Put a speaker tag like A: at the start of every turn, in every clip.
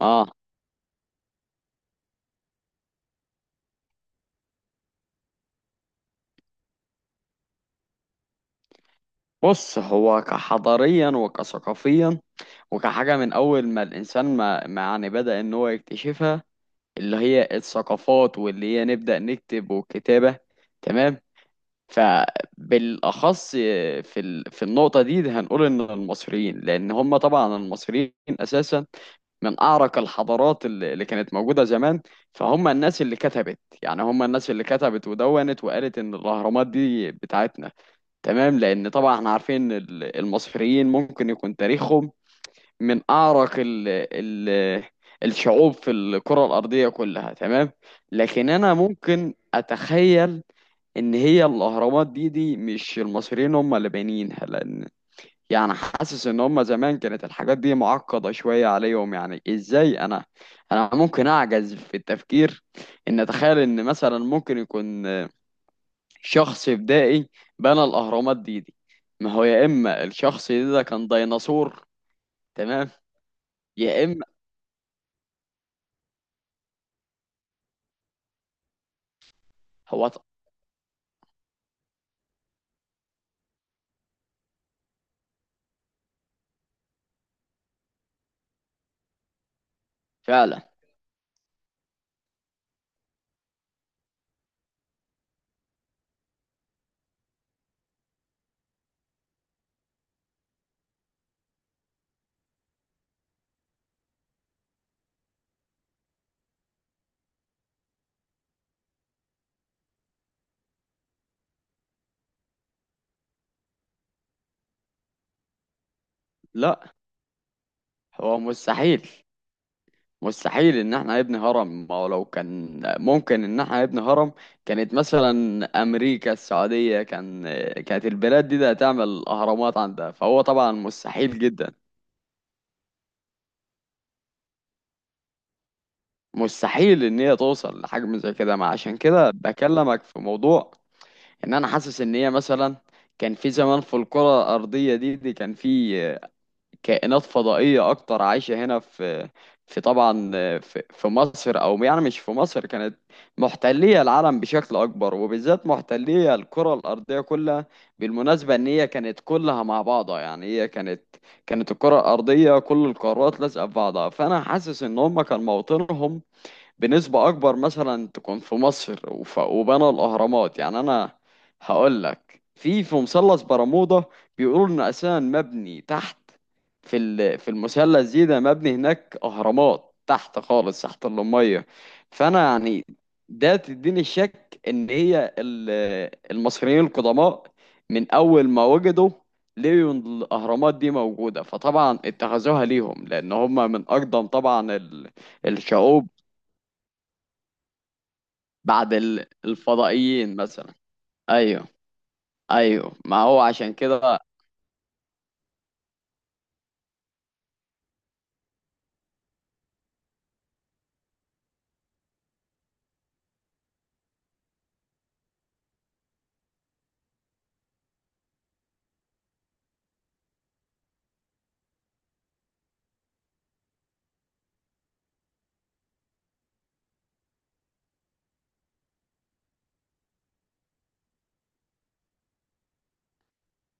A: اه، بص. هو كحضاريا وكثقافيا وكحاجة من أول ما الإنسان ما, ما يعني بدأ إن هو يكتشفها، اللي هي الثقافات واللي هي نبدأ نكتب والكتابة. تمام. فبالأخص في النقطة دي هنقول إن المصريين، لأن هم طبعا المصريين أساسا من أعرق الحضارات اللي كانت موجودة زمان، فهم الناس اللي كتبت. يعني هم الناس اللي كتبت ودونت وقالت إن الأهرامات دي بتاعتنا. تمام، لان طبعا احنا عارفين المصريين ممكن يكون تاريخهم من اعرق ال ال الشعوب في الكرة الأرضية كلها. تمام. لكن انا ممكن اتخيل ان هي الاهرامات دي مش المصريين هم اللي بانيينها، لان يعني حاسس ان هم زمان كانت الحاجات دي معقدة شوية عليهم. يعني ازاي انا ممكن اعجز في التفكير ان اتخيل ان مثلا ممكن يكون شخص بدائي بنى الأهرامات دي. ما هو يا إما الشخص ده كان ديناصور. تمام، يا إما هو ط- فعلا. لا، هو مستحيل. مستحيل إن احنا نبني هرم. ما هو لو كان ممكن إن احنا نبني هرم، كانت مثلا أمريكا، السعودية، كانت البلاد دي هتعمل أهرامات عندها، فهو طبعا مستحيل جدا. مستحيل إن هي توصل لحجم زي كده. ما عشان كده بكلمك في موضوع ان انا حاسس ان هي مثلا كان في زمان في الكرة الارضية دي كان في كائنات فضائية اكتر عايشة هنا في طبعا في مصر. او يعني مش في مصر، كانت محتلية العالم بشكل اكبر، وبالذات محتلية الكرة الارضية كلها. بالمناسبة ان هي كانت كلها مع بعضها. يعني هي كانت الكرة الارضية كل القارات لازقة في بعضها، فانا حاسس ان هم كان موطنهم بنسبة أكبر مثلا تكون في مصر، وبنوا الأهرامات. يعني أنا هقول لك في مثلث برمودا بيقولوا إن أساسا مبني تحت. في المثلث ده مبني هناك أهرامات تحت خالص، تحت المية. فأنا يعني ده تديني الشك إن هي المصريين القدماء من أول ما وجدوا لقيوا إن الأهرامات دي موجودة، فطبعا اتخذوها ليهم، لأن هم من أقدم طبعا الشعوب. بعد الفضائيين مثلا. ايوه، ايوه، ما هو عشان كده.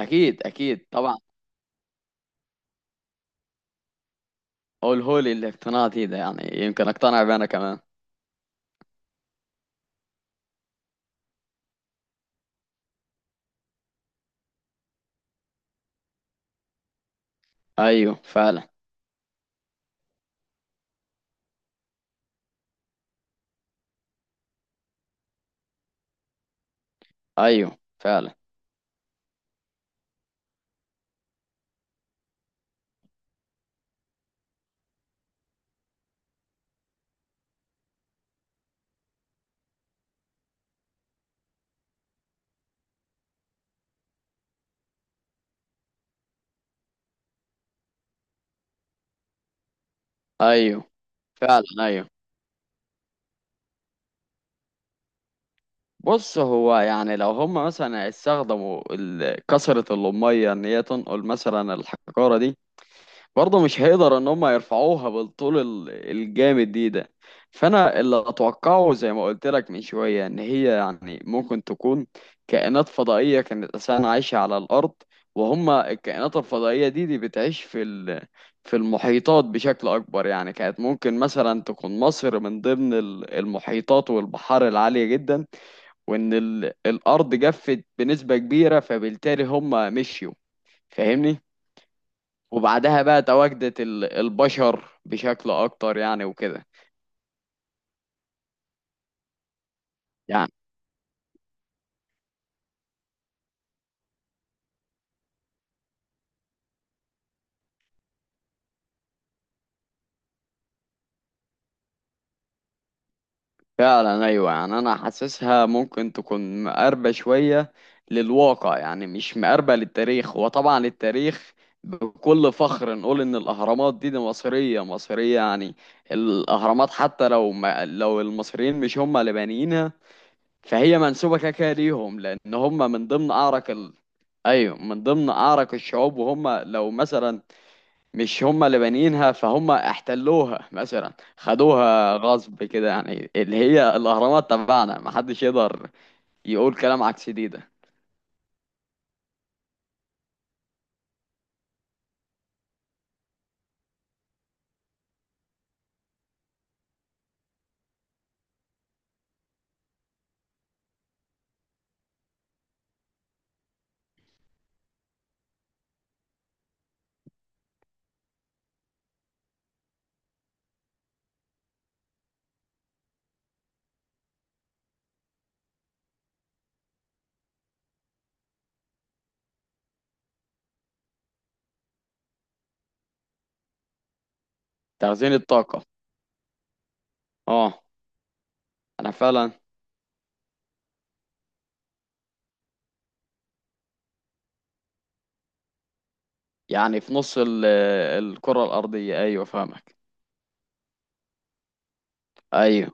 A: اكيد اكيد طبعا. هو الهولي اللي اقتنعت بيه ده، يعني يمكن اقتنع بيه انا كمان. ايوه فعلا. ايوه فعلا. ايوه فعلا. ايوه. بص، هو يعني لو هم مثلا استخدموا كثرة الأمية إن هي تنقل مثلا الحجارة دي، برضه مش هيقدر ان هم يرفعوها بالطول الجامد ده. فانا اللي اتوقعه زي ما قلت لك من شويه، ان هي يعني ممكن تكون كائنات فضائيه كانت اساسا عايشه على الارض. وهم الكائنات الفضائيه دي بتعيش في المحيطات بشكل اكبر، يعني كانت ممكن مثلا تكون مصر من ضمن المحيطات والبحار العاليه جدا. وان الارض جفت بنسبه كبيره، فبالتالي هم مشيوا. فاهمني؟ وبعدها بقى تواجدت البشر بشكل اكتر يعني وكده. يعني فعلا. ايوه، يعني انا حاسسها ممكن تكون مقربة شوية للواقع، يعني مش مقربة للتاريخ. وطبعا التاريخ بكل فخر نقول ان الاهرامات دي مصرية مصرية يعني. الاهرامات حتى لو ما لو المصريين مش هم اللي بانيينها، فهي منسوبة كده كده ليهم، لان هم من ضمن اعرق. ايوه، من ضمن اعرق الشعوب. وهم لو مثلا مش هم اللي بانيينها، فهم احتلوها مثلا، خدوها غصب كده. يعني اللي هي الاهرامات تبعنا، محدش يقدر يقول كلام عكس ده. تخزين الطاقة. اه، انا فعلا. يعني في نص الكرة الارضية. ايوه فاهمك. ايوه،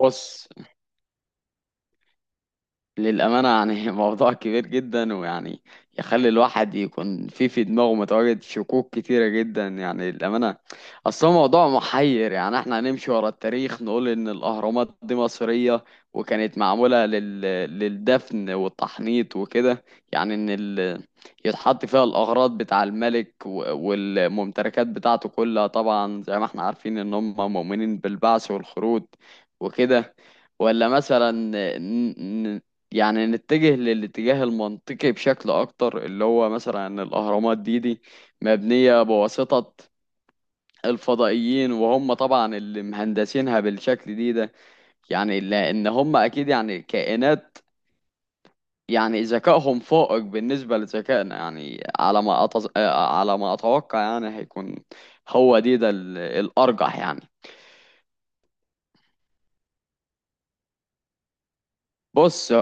A: بص، للأمانة يعني موضوع كبير جدا، ويعني يخلي الواحد يكون في دماغه متواجد شكوك كتيرة جدا، يعني للأمانة. أصل هو موضوع محير. يعني احنا هنمشي ورا التاريخ نقول إن الأهرامات دي مصرية، وكانت معمولة للدفن والتحنيط وكده، يعني إن يتحط فيها الأغراض بتاع الملك والممتلكات بتاعته كلها، طبعا زي ما احنا عارفين إن هم مؤمنين بالبعث والخروج وكده. ولا مثلا يعني نتجه للاتجاه المنطقي بشكل اكتر، اللي هو مثلا ان الاهرامات دي مبنية بواسطة الفضائيين، وهم طبعا اللي مهندسينها بالشكل ده. يعني لان هم اكيد يعني كائنات، يعني ذكائهم فائق بالنسبة لذكائنا، يعني على ما اتوقع يعني هيكون. هو ده الارجح يعني. بص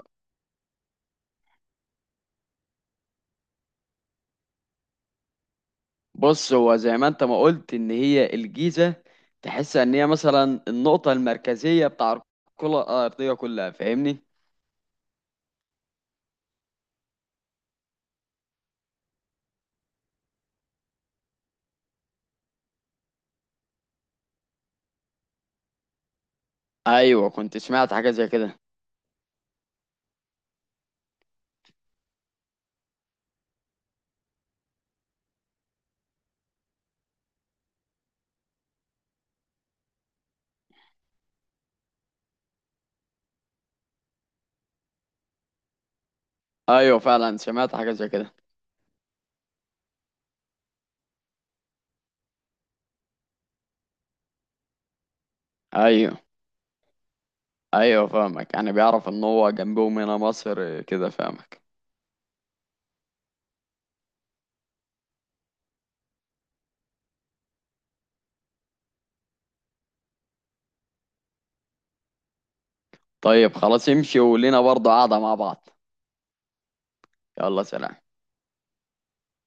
A: بص، هو زي ما انت ما قلت ان هي الجيزة، تحس ان هي مثلا النقطة المركزية بتاع الكرة الأرضية كلها، فاهمني؟ ايوه كنت سمعت حاجة زي كده. ايوه فعلا سمعت حاجة زي كده. ايوه ايوه فاهمك، يعني بيعرف ان هو جنبهم هنا مصر كده، فاهمك؟ طيب خلاص، امشي ولينا برضه قاعدة مع بعض. يلا، سلام.